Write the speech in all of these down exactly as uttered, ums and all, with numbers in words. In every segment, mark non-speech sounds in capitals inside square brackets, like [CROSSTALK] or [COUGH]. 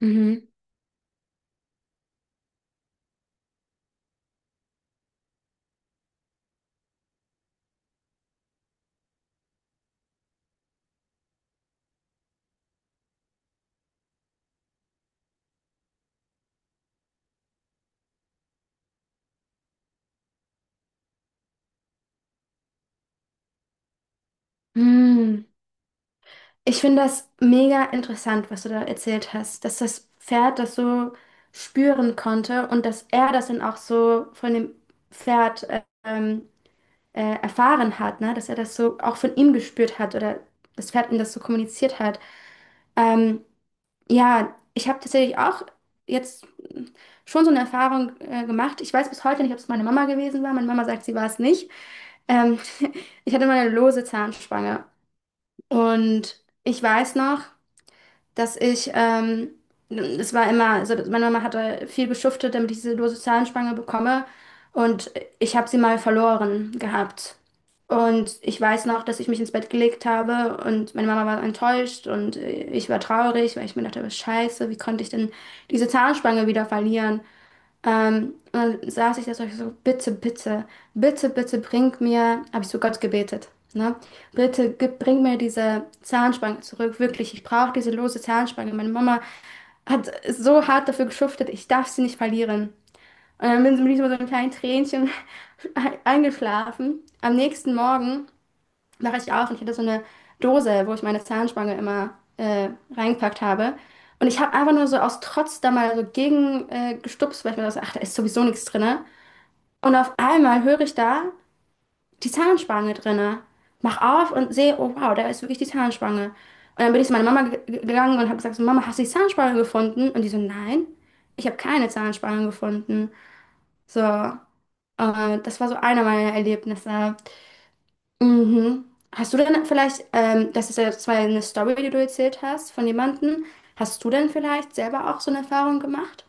Mhm. Hm. Ich finde das mega interessant, was du da erzählt hast, dass das Pferd das so spüren konnte und dass er das dann auch so von dem Pferd äh, ähm, äh, erfahren hat, ne? Dass er das so auch von ihm gespürt hat oder das Pferd ihm das so kommuniziert hat. Ähm, ja, ich habe tatsächlich auch jetzt schon so eine Erfahrung äh, gemacht. Ich weiß bis heute nicht, ob es meine Mama gewesen war. Meine Mama sagt, sie war es nicht. Ähm, [LAUGHS] Ich hatte mal eine lose Zahnspange. Und ich weiß noch, dass ich, ähm, es war immer, also meine Mama hatte viel geschuftet, damit ich diese lose Zahnspange bekomme. Und ich habe sie mal verloren gehabt. Und ich weiß noch, dass ich mich ins Bett gelegt habe und meine Mama war enttäuscht und ich war traurig, weil ich mir dachte, was scheiße, wie konnte ich denn diese Zahnspange wieder verlieren? Ähm, und dann saß ich da so, ich so, bitte, bitte, bitte, bitte bring mir, habe ich zu Gott gebetet, ne? Bitte gib, bring mir diese Zahnspange zurück, wirklich, ich brauche diese lose Zahnspange. Meine Mama hat so hart dafür geschuftet, ich darf sie nicht verlieren. Und dann bin ich mit so einem kleinen Tränchen [LAUGHS] eingeschlafen. Am nächsten Morgen wache ich auf und ich hatte so eine Dose, wo ich meine Zahnspange immer äh, reingepackt habe. Und ich habe einfach nur so aus Trotz da mal so gegen äh, gestupst, weil ich mir dachte, ach, da ist sowieso nichts drinne. Und auf einmal höre ich da die Zahnspange drinne. Mach auf und sehe, oh wow, da ist wirklich die Zahnspange. Und dann bin ich zu meiner Mama ge- ge- gegangen und habe gesagt, so, Mama, hast du die Zahnspange gefunden? Und die so, nein, ich habe keine Zahnspange gefunden. So, äh, das war so einer meiner Erlebnisse. Mhm. Hast du denn vielleicht, ähm, das ist ja zwar eine Story, die du erzählt hast von jemandem, hast du denn vielleicht selber auch so eine Erfahrung gemacht?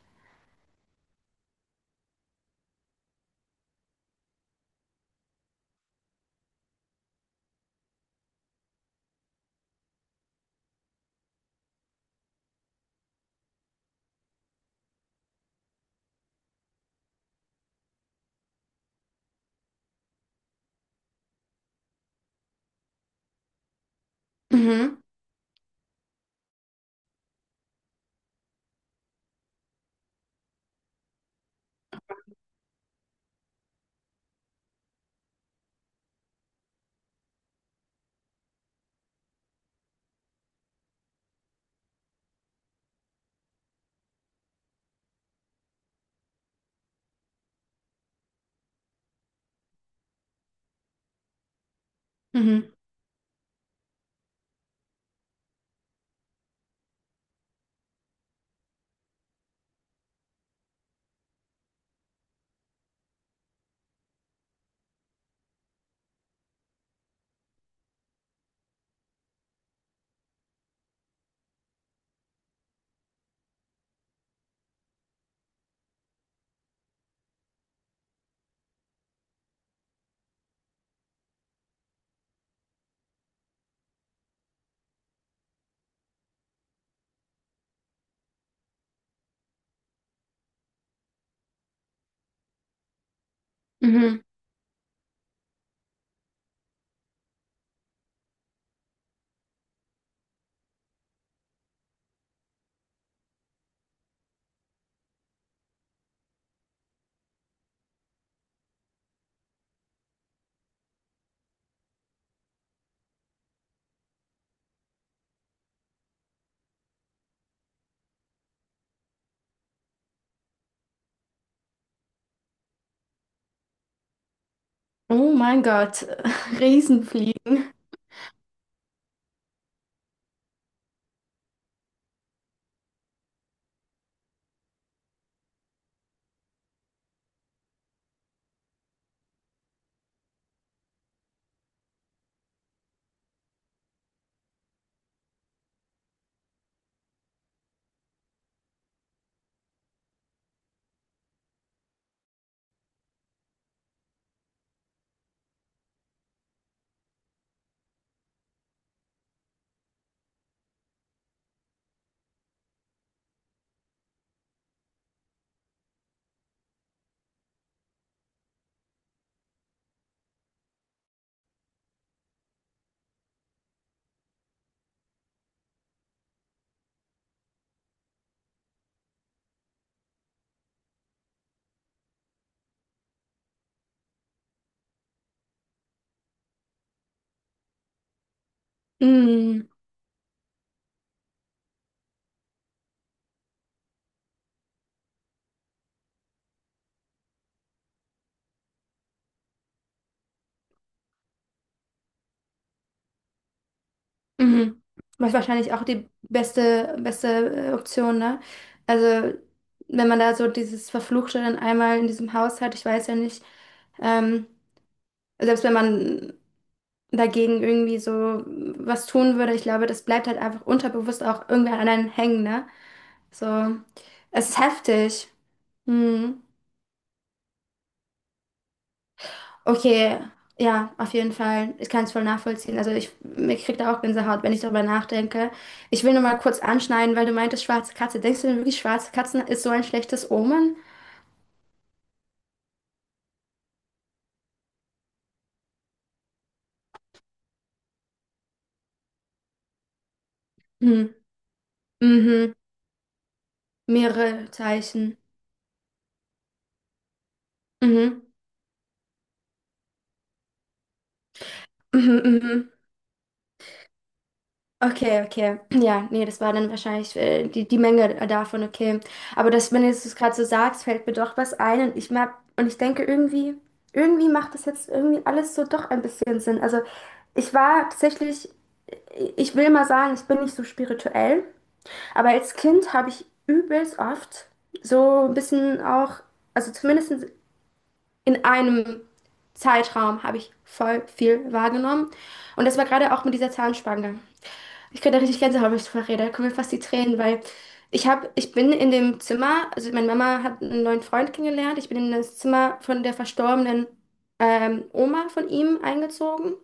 Mhm. Mhm. Mhm. Oh mein Gott, [LAUGHS] Riesenfliegen. Mhm. Mhm. Was wahrscheinlich auch die beste, beste äh, Option, ne? Also, wenn man da so dieses Verfluchte dann einmal in diesem Haus hat, ich weiß ja nicht, ähm, selbst wenn man dagegen irgendwie so was tun würde. Ich glaube, das bleibt halt einfach unterbewusst auch irgendwer an einem hängen, ne? So, es ist heftig. Hm. Okay, ja, auf jeden Fall. Ich kann es voll nachvollziehen. Also ich, mir kriegt da auch Gänsehaut, wenn ich darüber nachdenke. Ich will nur mal kurz anschneiden, weil du meintest, schwarze Katze. Denkst du denn wirklich, schwarze Katzen ist so ein schlechtes Omen? Hm. Mhm. Mehrere Zeichen. Mhm. Mhm. Mhm. Okay, okay. Ja, nee, das war dann wahrscheinlich äh, die, die Menge davon, okay. Aber das, wenn du es gerade so sagst, fällt mir doch was ein und ich mag, und ich denke irgendwie, irgendwie macht das jetzt irgendwie alles so doch ein bisschen Sinn. Also ich war tatsächlich, ich will mal sagen, ich bin nicht so spirituell, aber als Kind habe ich übelst oft so ein bisschen auch, also zumindest in einem Zeitraum habe ich voll viel wahrgenommen. Und das war gerade auch mit dieser Zahnspange. Ich könnte richtig Gänsehaut, wenn ich darüber rede. Da kommen mir fast die Tränen, weil ich habe, ich bin in dem Zimmer, also meine Mama hat einen neuen Freund kennengelernt. Ich bin in das Zimmer von der verstorbenen ähm, Oma von ihm eingezogen.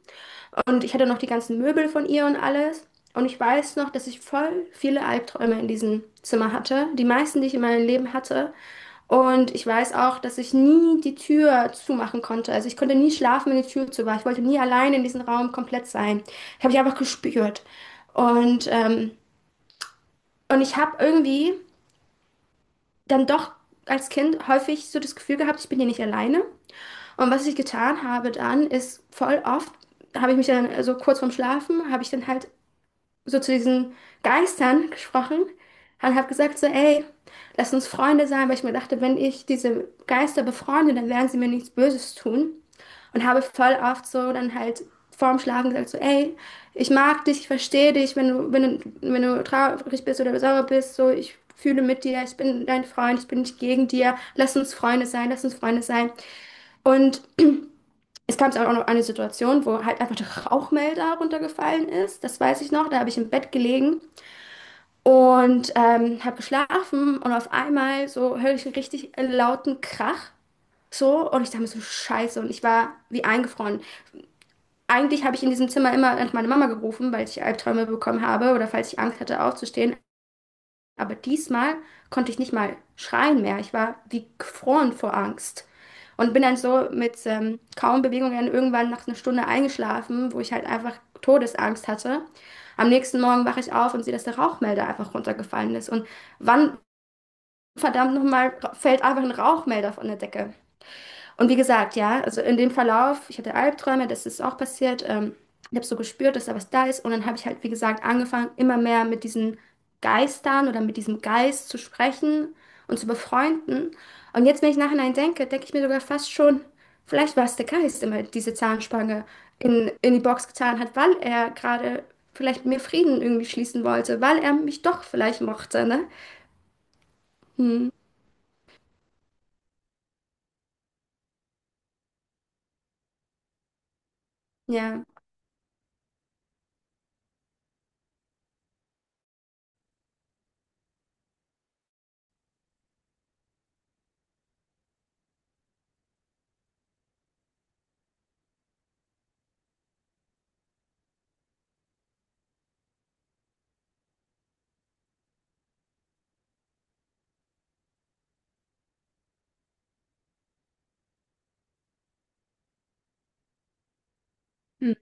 Und ich hatte noch die ganzen Möbel von ihr und alles. Und ich weiß noch, dass ich voll viele Albträume in diesem Zimmer hatte. Die meisten, die ich in meinem Leben hatte. Und ich weiß auch, dass ich nie die Tür zumachen konnte. Also ich konnte nie schlafen, wenn die Tür zu war. Ich wollte nie allein in diesem Raum komplett sein. Ich habe ich einfach gespürt. Und, ähm, und ich habe irgendwie dann doch als Kind häufig so das Gefühl gehabt, ich bin hier nicht alleine. Und was ich getan habe dann, ist voll oft, habe ich mich dann so kurz vorm Schlafen, habe ich dann halt so zu diesen Geistern gesprochen und habe gesagt so, ey, lass uns Freunde sein, weil ich mir dachte, wenn ich diese Geister befreunde, dann werden sie mir nichts Böses tun. Und habe voll oft so dann halt vorm Schlafen gesagt so, ey, ich mag dich, ich verstehe dich, wenn du, wenn du, wenn du traurig bist oder sauer bist, so, ich fühle mit dir, ich bin dein Freund, ich bin nicht gegen dir, lass uns Freunde sein, lass uns Freunde sein. Und es kam auch noch eine Situation, wo halt einfach der Rauchmelder runtergefallen ist. Das weiß ich noch. Da habe ich im Bett gelegen und ähm, habe geschlafen und auf einmal so höre ich einen richtig lauten Krach. So, und ich dachte mir so, Scheiße, und ich war wie eingefroren. Eigentlich habe ich in diesem Zimmer immer an meine Mama gerufen, weil ich Albträume bekommen habe oder falls ich Angst hatte aufzustehen. Aber diesmal konnte ich nicht mal schreien mehr. Ich war wie gefroren vor Angst. Und bin dann so mit ähm, kaum Bewegungen irgendwann nach einer Stunde eingeschlafen, wo ich halt einfach Todesangst hatte. Am nächsten Morgen wache ich auf und sehe, dass der Rauchmelder einfach runtergefallen ist. Und wann, verdammt nochmal, fällt einfach ein Rauchmelder von der Decke? Und wie gesagt, ja, also in dem Verlauf, ich hatte Albträume, das ist auch passiert. Ähm, ich habe so gespürt, dass da was da ist. Und dann habe ich halt, wie gesagt, angefangen, immer mehr mit diesen Geistern oder mit diesem Geist zu sprechen und zu befreunden. Und jetzt, wenn ich nachhinein denke, denke ich mir sogar fast schon, vielleicht war es der Geist, der mir diese Zahnspange in, in die Box getan hat, weil er gerade vielleicht mit mir Frieden irgendwie schließen wollte, weil er mich doch vielleicht mochte, ne? Hm, ja. Hm,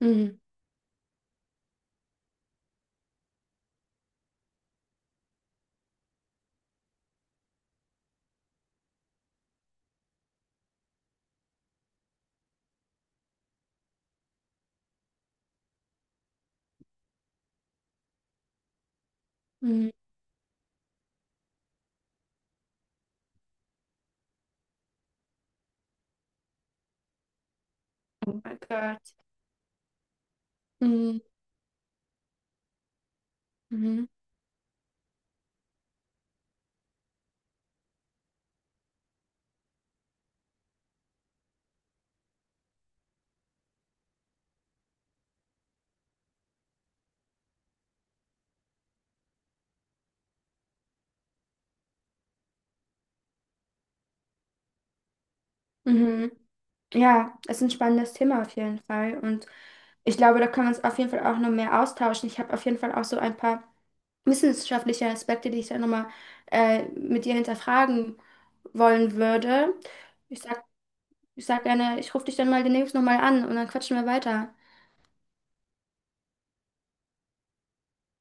mhm, mhm. Oh mein Gott. Mhm, mhm. Mhm. Ja, es ist ein spannendes Thema auf jeden Fall. Und ich glaube, da können wir uns auf jeden Fall auch noch mehr austauschen. Ich habe auf jeden Fall auch so ein paar wissenschaftliche Aspekte, die ich dann nochmal äh, mit dir hinterfragen wollen würde. Ich sag, ich sag gerne, ich rufe dich dann mal demnächst nochmal an und dann quatschen wir weiter.